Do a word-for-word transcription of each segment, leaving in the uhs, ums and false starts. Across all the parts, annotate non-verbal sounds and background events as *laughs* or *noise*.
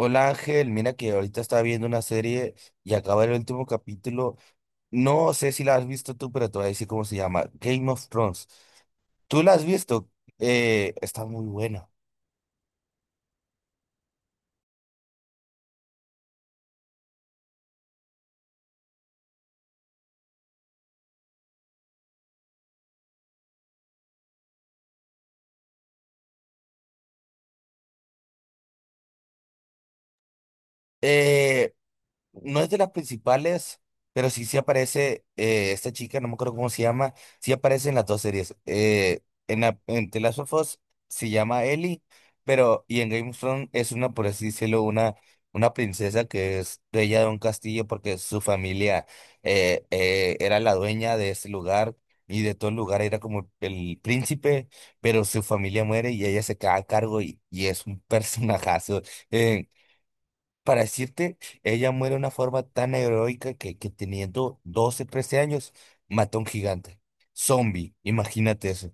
Hola Ángel, mira que ahorita estaba viendo una serie y acaba el último capítulo. No sé si la has visto tú, pero te voy a decir cómo se llama. Game of Thrones. ¿Tú la has visto? Eh, está muy buena. Eh, No es de las principales, pero sí, sí aparece eh, esta chica, no me acuerdo cómo se llama, sí aparece en las dos series. Eh, en, la, en The Last of Us se llama Ellie, pero y en Game of Thrones es una, por así decirlo, una, una princesa que es dueña de un castillo porque su familia eh, eh, era la dueña de ese lugar y de todo el lugar era como el príncipe, pero su familia muere y ella se queda a cargo y, y es un *laughs* personajazo. eh, para decirte, ella muere de una forma tan heroica que, que teniendo doce trece años, mató a un gigante. Zombie, imagínate eso.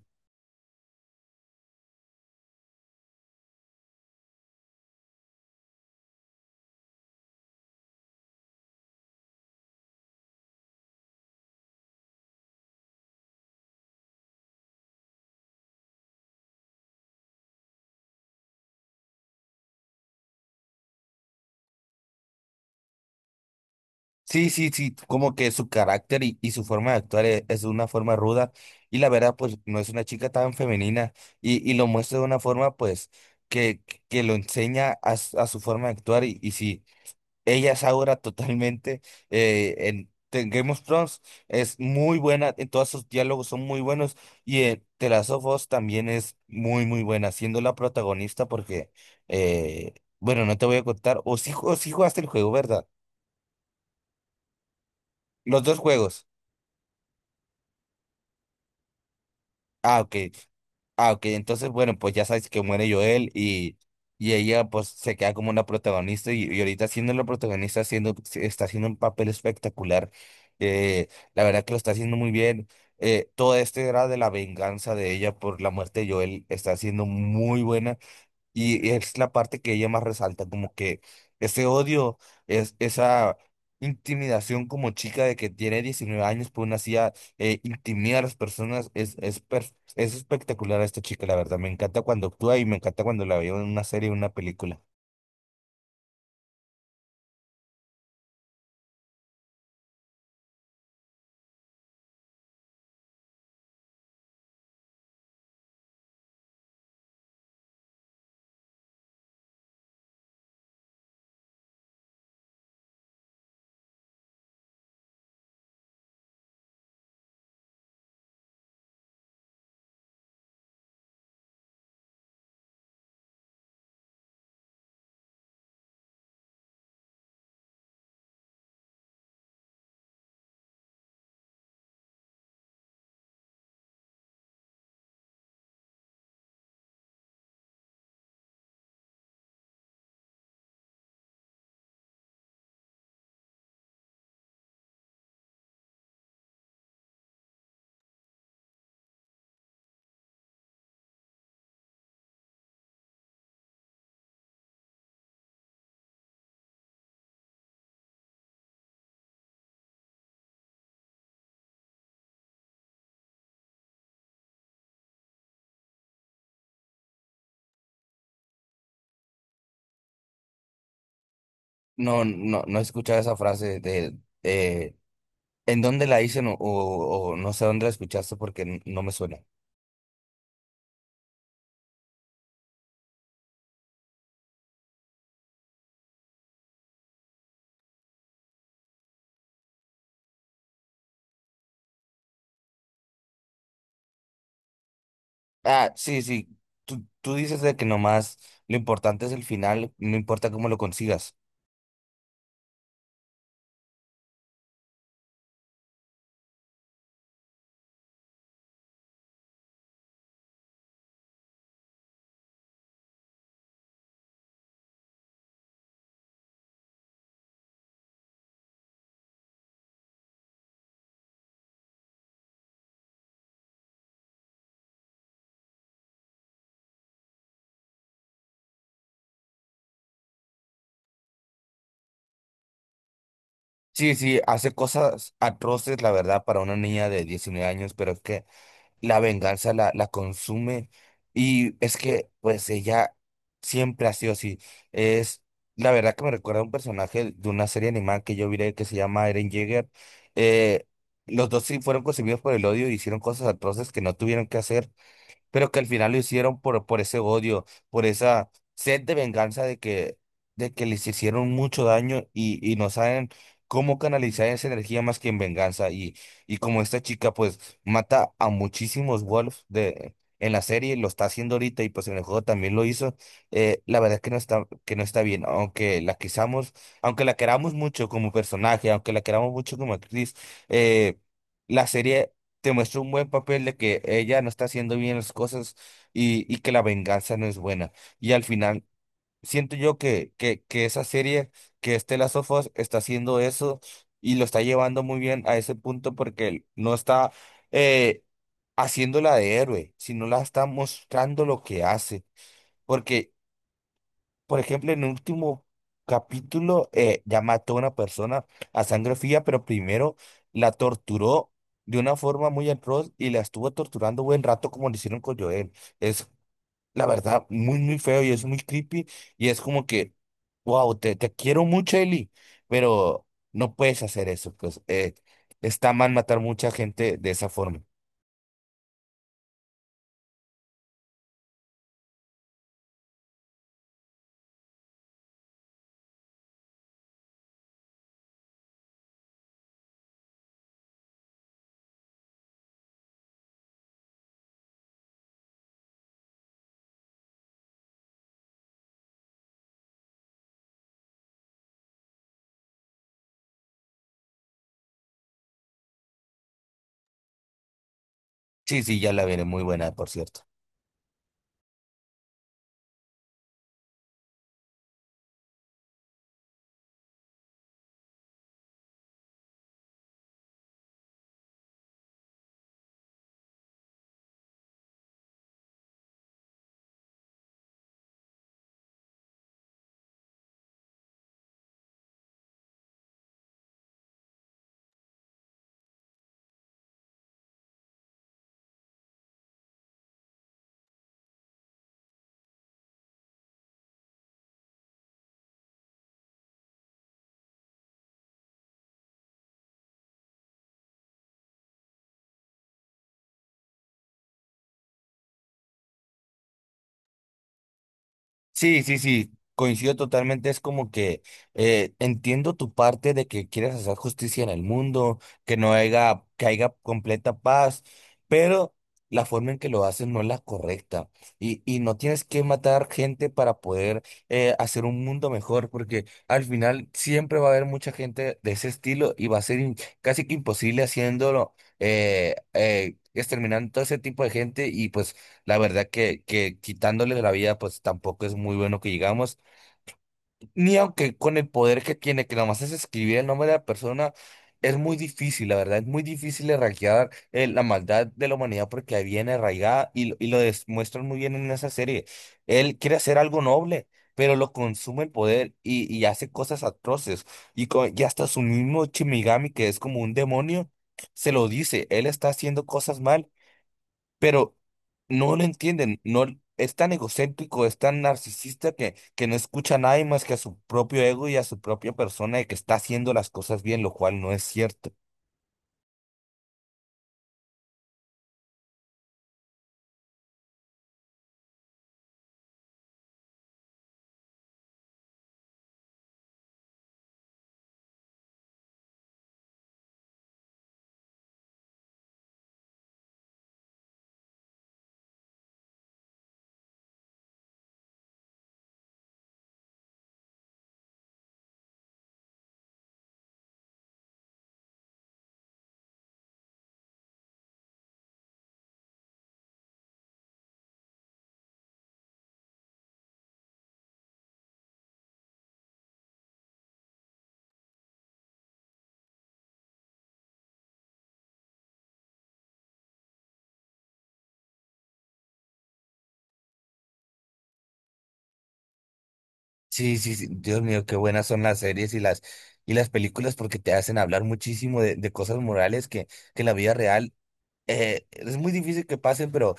Sí, sí, sí, como que su carácter y, y su forma de actuar e- es, de una forma ruda y la verdad, pues no es una chica tan femenina y, y lo muestra de una forma, pues, que, que lo enseña a, su a su forma de actuar y, y sí. Ella es ahora totalmente eh, en, en Game of Thrones. Es muy buena, en todos sus diálogos son muy buenos. Y en The Last of Us también es muy, muy buena, siendo la protagonista porque, eh, bueno, no te voy a contar. O si, ju- o si jugaste el juego, ¿verdad? Los dos juegos. Ah, ok. Ah, ok, entonces, bueno, pues ya sabes que muere Joel y, y ella pues se queda como una protagonista y, y ahorita siendo la protagonista haciendo, se- está haciendo un papel espectacular. Eh, la verdad que lo está haciendo muy bien. Eh, todo este era de la venganza de ella por la muerte de Joel está siendo muy buena. Y es la parte que ella más resalta, como que ese odio, es, esa intimidación como chica de que tiene diecinueve años, pues una C I A eh, intimida a las personas, es, es, per- es espectacular a esta chica, la verdad. Me encanta cuando actúa y me encanta cuando la veo en una serie o una película. No, no, no he escuchado esa frase de, eh, ¿en dónde la dicen o, o, o no sé dónde la escuchaste porque n- no me suena? Ah, sí, sí, tú, tú dices de que nomás lo importante es el final, no importa cómo lo consigas. Sí, sí, hace cosas atroces, la verdad, para una niña de diecinueve años, pero es que la venganza la, la consume y es que, pues, ella siempre ha sido así. Es, la verdad que me recuerda a un personaje de una serie animada que yo vi que se llama Eren Yeager. Eh, los dos sí fueron concebidos por el odio y hicieron cosas atroces que no tuvieron que hacer pero que al final lo hicieron por, por ese odio, por esa sed de venganza de que, de que les hicieron mucho daño y, y no saben cómo canalizar esa energía más que en venganza. Y, y como esta chica pues mata a muchísimos wolves de, en la serie, lo está haciendo ahorita y pues en el juego también lo hizo, eh, la verdad es que no está, que no está bien, aunque la quisamos aunque la queramos mucho como personaje, aunque la queramos mucho como actriz, eh, la serie te muestra un buen papel de que ella no está haciendo bien las cosas y, y que la venganza no es buena. Y al final, siento yo que, que, que esa serie, que este Last of Us está haciendo eso y lo está llevando muy bien a ese punto porque no está eh, haciéndola de héroe, sino la está mostrando lo que hace. Porque por ejemplo, en el último capítulo eh, ya mató a una persona a sangre fría, pero primero la torturó de una forma muy atroz y la estuvo torturando buen rato como lo hicieron con Joel. Es la verdad muy, muy feo y es muy creepy y es como que, wow, te, te quiero mucho, Eli, pero no puedes hacer eso, pues eh, está mal matar mucha gente de esa forma. Sí, sí, ya la veré, muy buena, por cierto. Sí, sí, sí, coincido totalmente. Es como que eh, entiendo tu parte de que quieres hacer justicia en el mundo, que no haya, que haya completa paz, pero la forma en que lo haces no es la correcta. Y, y no tienes que matar gente para poder eh, hacer un mundo mejor, porque al final siempre va a haber mucha gente de ese estilo y va a ser in- casi que imposible haciéndolo, eh, eh, exterminando todo ese tipo de gente y pues la verdad que, que quitándole la vida, pues tampoco es muy bueno que digamos, ni aunque con el poder que tiene, que nomás es escribir el nombre de la persona, es muy difícil, la verdad, es muy difícil erradicar eh, la maldad de la humanidad porque ahí viene arraigada y, lo- y lo demuestran muy bien en esa serie. Él quiere hacer algo noble, pero lo consume el poder y, y hace cosas atroces. Y, co- y hasta su mismo Shinigami, que es como un demonio, se lo dice, él está haciendo cosas mal pero no lo entienden, no es tan egocéntrico, es tan narcisista que, que no escucha a nadie más que a su propio ego y a su propia persona de que está haciendo las cosas bien, lo cual no es cierto. Sí, sí, sí, Dios mío, qué buenas son las series y las y las películas porque te hacen hablar muchísimo de, de cosas morales que, que en la vida real eh, es muy difícil que pasen, pero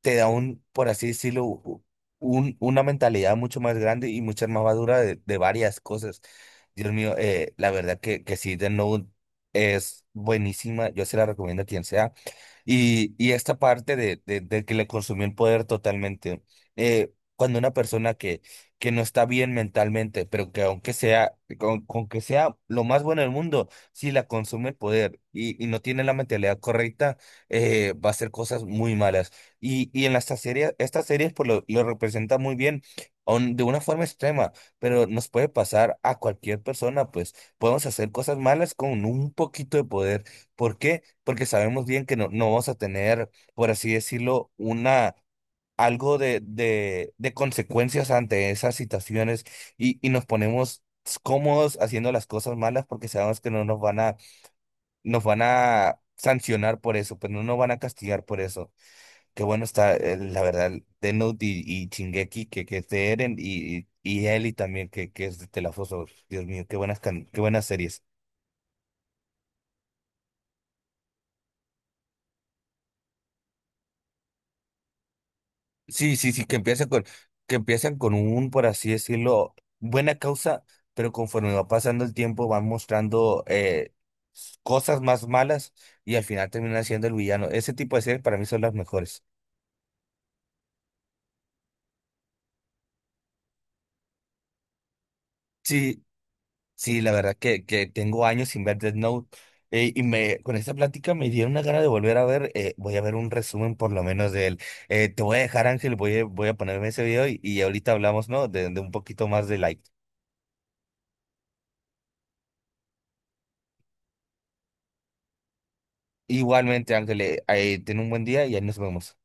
te da un, por así decirlo, u- un, una mentalidad mucho más grande y mucha más madura de, de varias cosas. Dios mío, eh, la verdad que, que sí, The Note es buenísima, yo se la recomiendo a quien sea. Y, y esta parte de, de, de que le consumió el poder totalmente. Eh, cuando una persona que, que no está bien mentalmente, pero que aunque sea, con, con que sea lo más bueno del mundo, si la consume el poder y, y no tiene la mentalidad correcta, eh, va a hacer cosas muy malas. Y, y en estas series, estas series pues, lo, lo representa muy bien, aun de una forma extrema, pero nos puede pasar a cualquier persona, pues podemos hacer cosas malas con un poquito de poder. ¿Por qué? Porque sabemos bien que no, no vamos a tener, por así decirlo, una, algo de, de, de consecuencias ante esas situaciones y, y nos ponemos cómodos haciendo las cosas malas porque sabemos que no nos van a, nos van a sancionar por eso, pero no nos van a castigar por eso. Qué bueno está, eh, la verdad, Death Note y, y Shingeki, que, que es de Eren, y, y y Ellie también, que, que es de The Last of Us. Dios mío, qué buenas, can- qué buenas series. Sí, sí, sí, que empiezan con, que empiezan con un, por así decirlo, buena causa, pero conforme va pasando el tiempo van mostrando eh, s- cosas más malas y al final terminan siendo el villano. Ese tipo de series para mí son las mejores. Sí, sí, la verdad que, que tengo años sin ver Death Note eh, y me, con esta plática me dieron una gana de volver a ver, eh, voy a ver un resumen por lo menos de él. Eh, te voy a dejar, Ángel, voy a, voy a ponerme ese video y, y ahorita hablamos, ¿no? De, de un poquito más de like. Igualmente, Ángeles, eh ten un buen día y ahí nos vemos.